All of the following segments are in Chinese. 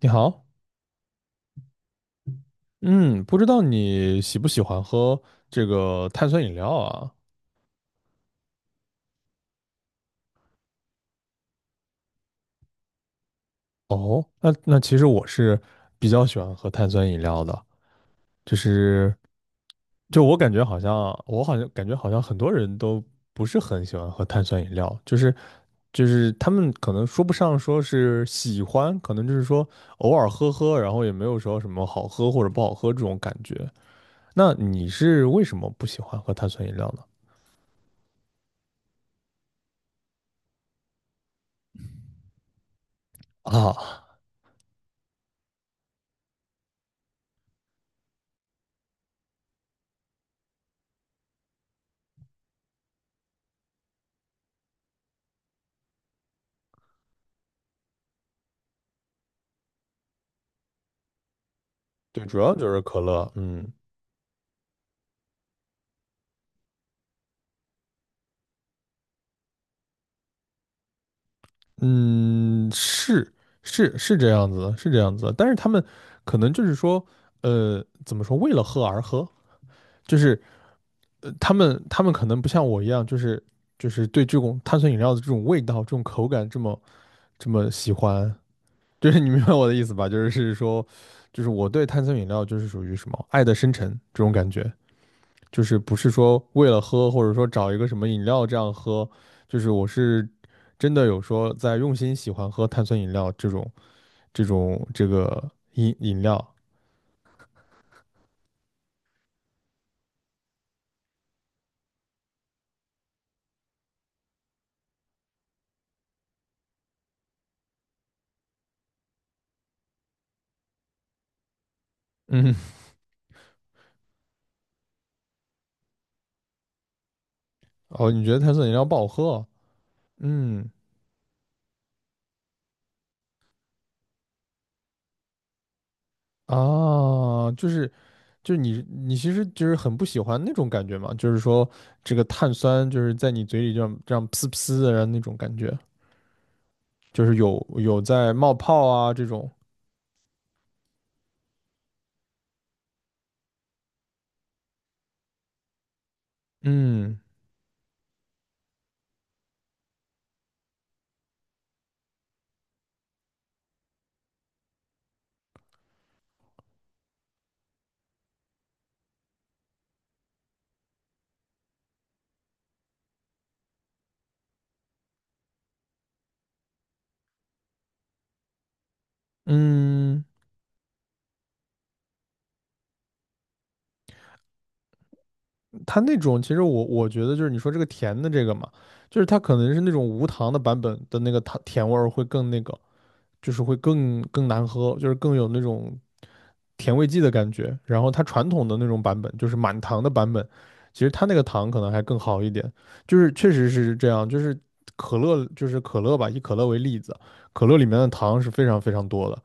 你好，嗯，不知道你喜不喜欢喝这个碳酸饮料啊？哦，那其实我是比较喜欢喝碳酸饮料的，就是就我感觉好像我好像感觉好像很多人都不是很喜欢喝碳酸饮料，就是他们可能说不上说是喜欢，可能就是说偶尔喝喝，然后也没有说什么好喝或者不好喝这种感觉。那你是为什么不喜欢喝碳酸饮料呢？啊，对，主要就是可乐，嗯。嗯，是是是这样子的，是这样子的。但是他们可能就是说，怎么说，为了喝而喝，就是他们可能不像我一样，就是对这种碳酸饮料的这种味道、这种口感这么喜欢，就是你明白我的意思吧？就是说，就是我对碳酸饮料就是属于什么爱的深沉这种感觉。就是不是说为了喝，或者说找一个什么饮料这样喝，就是我是真的有说在用心喜欢喝碳酸饮料这种这个饮料。嗯，哦，你觉得碳酸饮料不好喝？嗯，啊，就是你其实就是很不喜欢那种感觉嘛，就是说这个碳酸就是在你嘴里这样这样呲呲的，然后那种感觉，就是有在冒泡啊这种。嗯嗯。它那种其实我觉得就是你说这个甜的这个嘛，就是它可能是那种无糖的版本的那个糖甜味儿会更那个，就是会更难喝，就是更有那种甜味剂的感觉。然后它传统的那种版本，就是满糖的版本，其实它那个糖可能还更好一点。就是确实是这样，就是可乐就是可乐吧，以可乐为例子，可乐里面的糖是非常非常多的，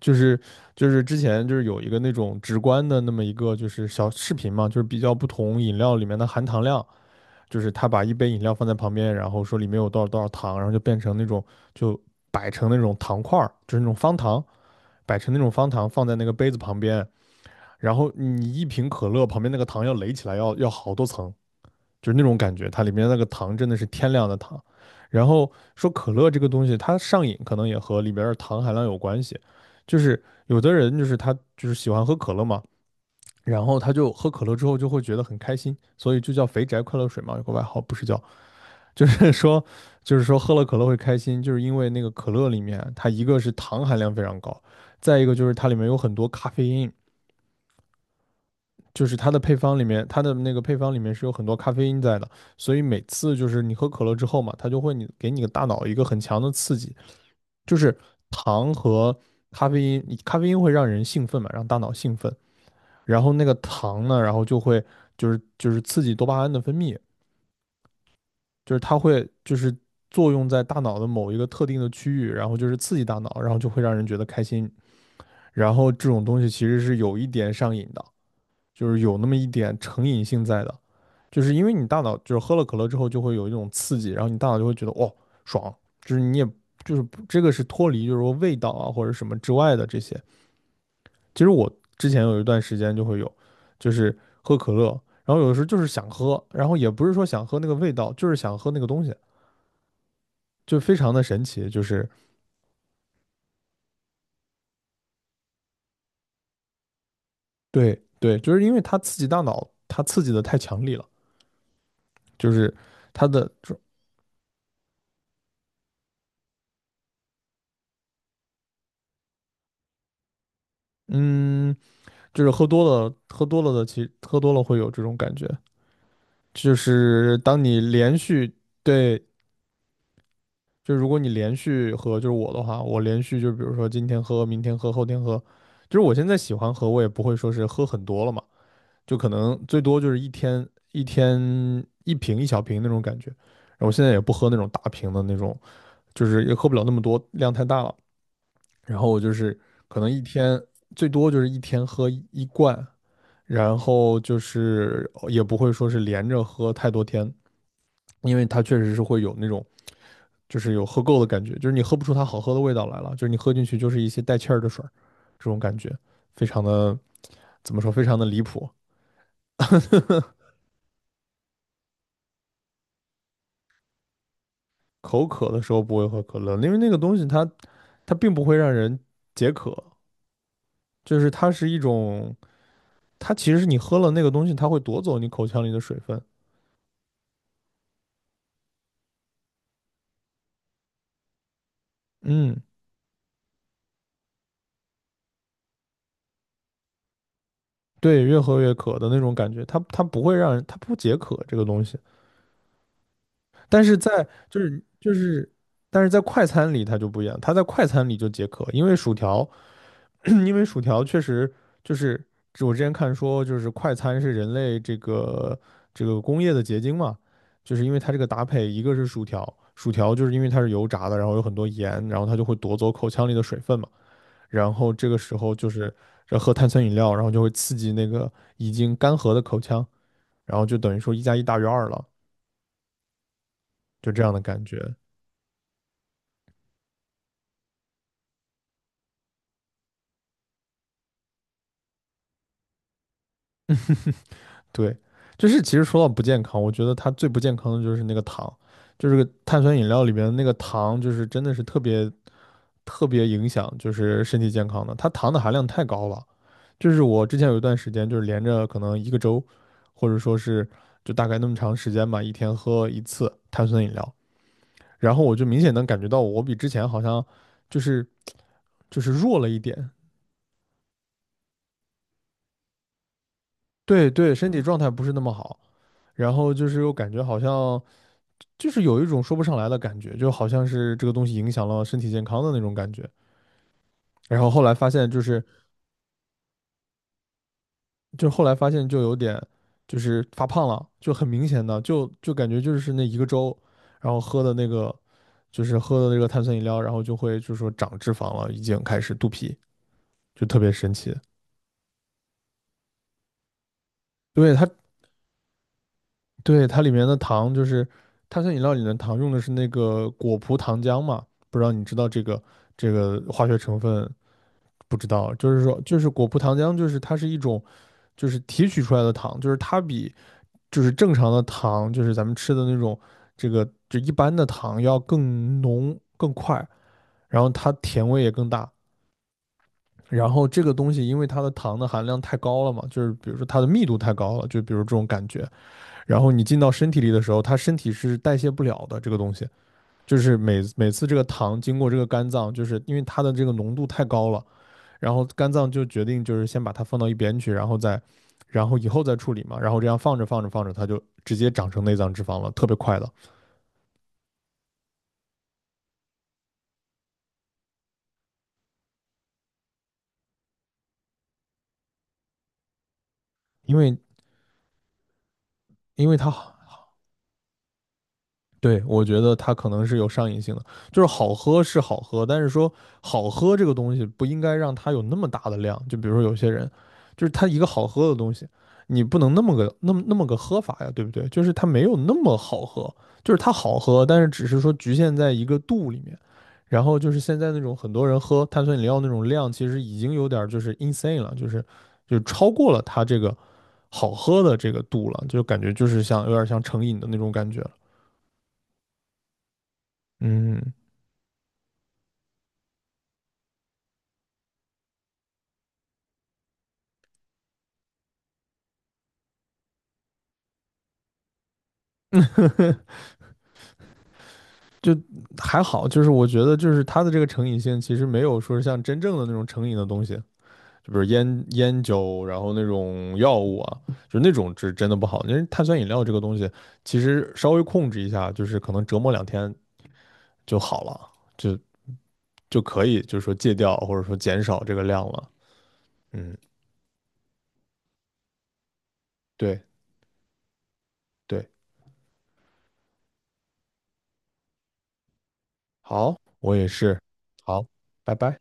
就是就是之前就是有一个那种直观的那么一个就是小视频嘛，就是比较不同饮料里面的含糖量，就是他把一杯饮料放在旁边，然后说里面有多少多少糖，然后就变成那种就摆成那种糖块儿，就是那种方糖，摆成那种方糖放在那个杯子旁边，然后你一瓶可乐旁边那个糖要垒起来要好多层，就是那种感觉，它里面那个糖真的是天量的糖。然后说可乐这个东西，它上瘾可能也和里边的糖含量有关系，就是有的人就是他就是喜欢喝可乐嘛，然后他就喝可乐之后就会觉得很开心，所以就叫肥宅快乐水嘛，有个外号不是叫，就是 说就是说喝了可乐会开心，就是因为那个可乐里面它一个是糖含量非常高，再一个就是它里面有很多咖啡因，就是它的配方里面，它的那个配方里面是有很多咖啡因在的，所以每次就是你喝可乐之后嘛，它就会你给你个大脑一个很强的刺激，就是糖和咖啡因，咖啡因会让人兴奋嘛，让大脑兴奋，然后那个糖呢，然后就会就是刺激多巴胺的分泌，就是它会就是作用在大脑的某一个特定的区域，然后就是刺激大脑，然后就会让人觉得开心，然后这种东西其实是有一点上瘾的，就是有那么一点成瘾性在的。就是因为你大脑就是喝了可乐之后就会有一种刺激，然后你大脑就会觉得哦爽，就是你也就是这个是脱离就是说味道啊或者什么之外的这些。其实我之前有一段时间就会有，就是喝可乐，然后有的时候就是想喝，然后也不是说想喝那个味道，就是想喝那个东西，就非常的神奇，就是对对，就是因为它刺激大脑，它刺激的太强烈了，就是它的嗯，喝多了会有这种感觉。就是当你连续对，就如果你连续喝，就是我的话，我连续就比如说今天喝，明天喝，后天喝，就是我现在喜欢喝，我也不会说是喝很多了嘛，就可能最多就是一天一瓶一小瓶那种感觉。然后我现在也不喝那种大瓶的那种，就是也喝不了那么多，量太大了。然后我就是可能一天最多就是一天喝一罐，然后就是也不会说是连着喝太多天，因为它确实是会有那种。就是有喝够的感觉，就是你喝不出它好喝的味道来了，就是你喝进去就是一些带气儿的水儿，这种感觉非常的怎么说，非常的离谱。口渴的时候不会喝可乐，因为那个东西它并不会让人解渴，就是它是一种，它其实是你喝了那个东西，它会夺走你口腔里的水分。嗯，对，越喝越渴的那种感觉，它不会让人，它不解渴这个东西，但是在就是，但是在快餐里它就不一样，它在快餐里就解渴，因为薯条。因为薯条确实就是我之前看说，就是快餐是人类这个工业的结晶嘛，就是因为它这个搭配，一个是薯条，薯条就是因为它是油炸的，然后有很多盐，然后它就会夺走口腔里的水分嘛，然后这个时候就是这喝碳酸饮料，然后就会刺激那个已经干涸的口腔，然后就等于说一加一大于二了，就这样的感觉。对，就是其实说到不健康，我觉得它最不健康的就是那个糖，就是个碳酸饮料里面的那个糖，就是真的是特别特别影响就是身体健康的，它糖的含量太高了。就是我之前有一段时间，就是连着可能一个周，或者说是就大概那么长时间吧，一天喝一次碳酸饮料，然后我就明显能感觉到我比之前好像就是就是弱了一点，对对，身体状态不是那么好，然后就是又感觉好像就是有一种说不上来的感觉，就好像是这个东西影响了身体健康的那种感觉。然后后来发现，就后来发现就有点就是发胖了，就很明显的，就感觉就是那一个周，然后喝的那个就是喝的那个碳酸饮料，然后就会就是说长脂肪了，已经开始肚皮，就特别神奇。对它，对它里面的糖就是碳酸饮料里的糖用的是那个果葡糖浆嘛，不知道你知道这个化学成分不知道，就是说，就是果葡糖浆，就是它是一种，就是提取出来的糖，就是它比就是正常的糖，就是咱们吃的那种这个就一般的糖要更浓更快，然后它甜味也更大。然后这个东西因为它的糖的含量太高了嘛，就是比如说它的密度太高了，就比如这种感觉。然后你进到身体里的时候，它身体是代谢不了的这个东西，就是每次这个糖经过这个肝脏，就是因为它的这个浓度太高了。然后肝脏就决定就是先把它放到一边去，然后再，然后以后再处理嘛，然后这样放着放着放着，它就直接长成内脏脂肪了，特别快的，因为因为它对，我觉得它可能是有上瘾性的，就是好喝是好喝，但是说好喝这个东西不应该让它有那么大的量。就比如说有些人，就是他一个好喝的东西，你不能那么个那么个喝法呀，对不对？就是它没有那么好喝，就是它好喝，但是只是说局限在一个度里面。然后就是现在那种很多人喝碳酸饮料那种量，其实已经有点就是 insane 了，就是超过了它这个好喝的这个度了，就感觉就是像有点像成瘾的那种感觉了。嗯。就还好，就是我觉得就是它的这个成瘾性其实没有说是像真正的那种成瘾的东西，就比如烟酒，然后那种药物啊，就那种是真的不好。因为碳酸饮料这个东西，其实稍微控制一下，就是可能折磨两天就好了，就就可以就是说戒掉或者说减少这个量了。嗯，对对，好，我也是，好，拜拜。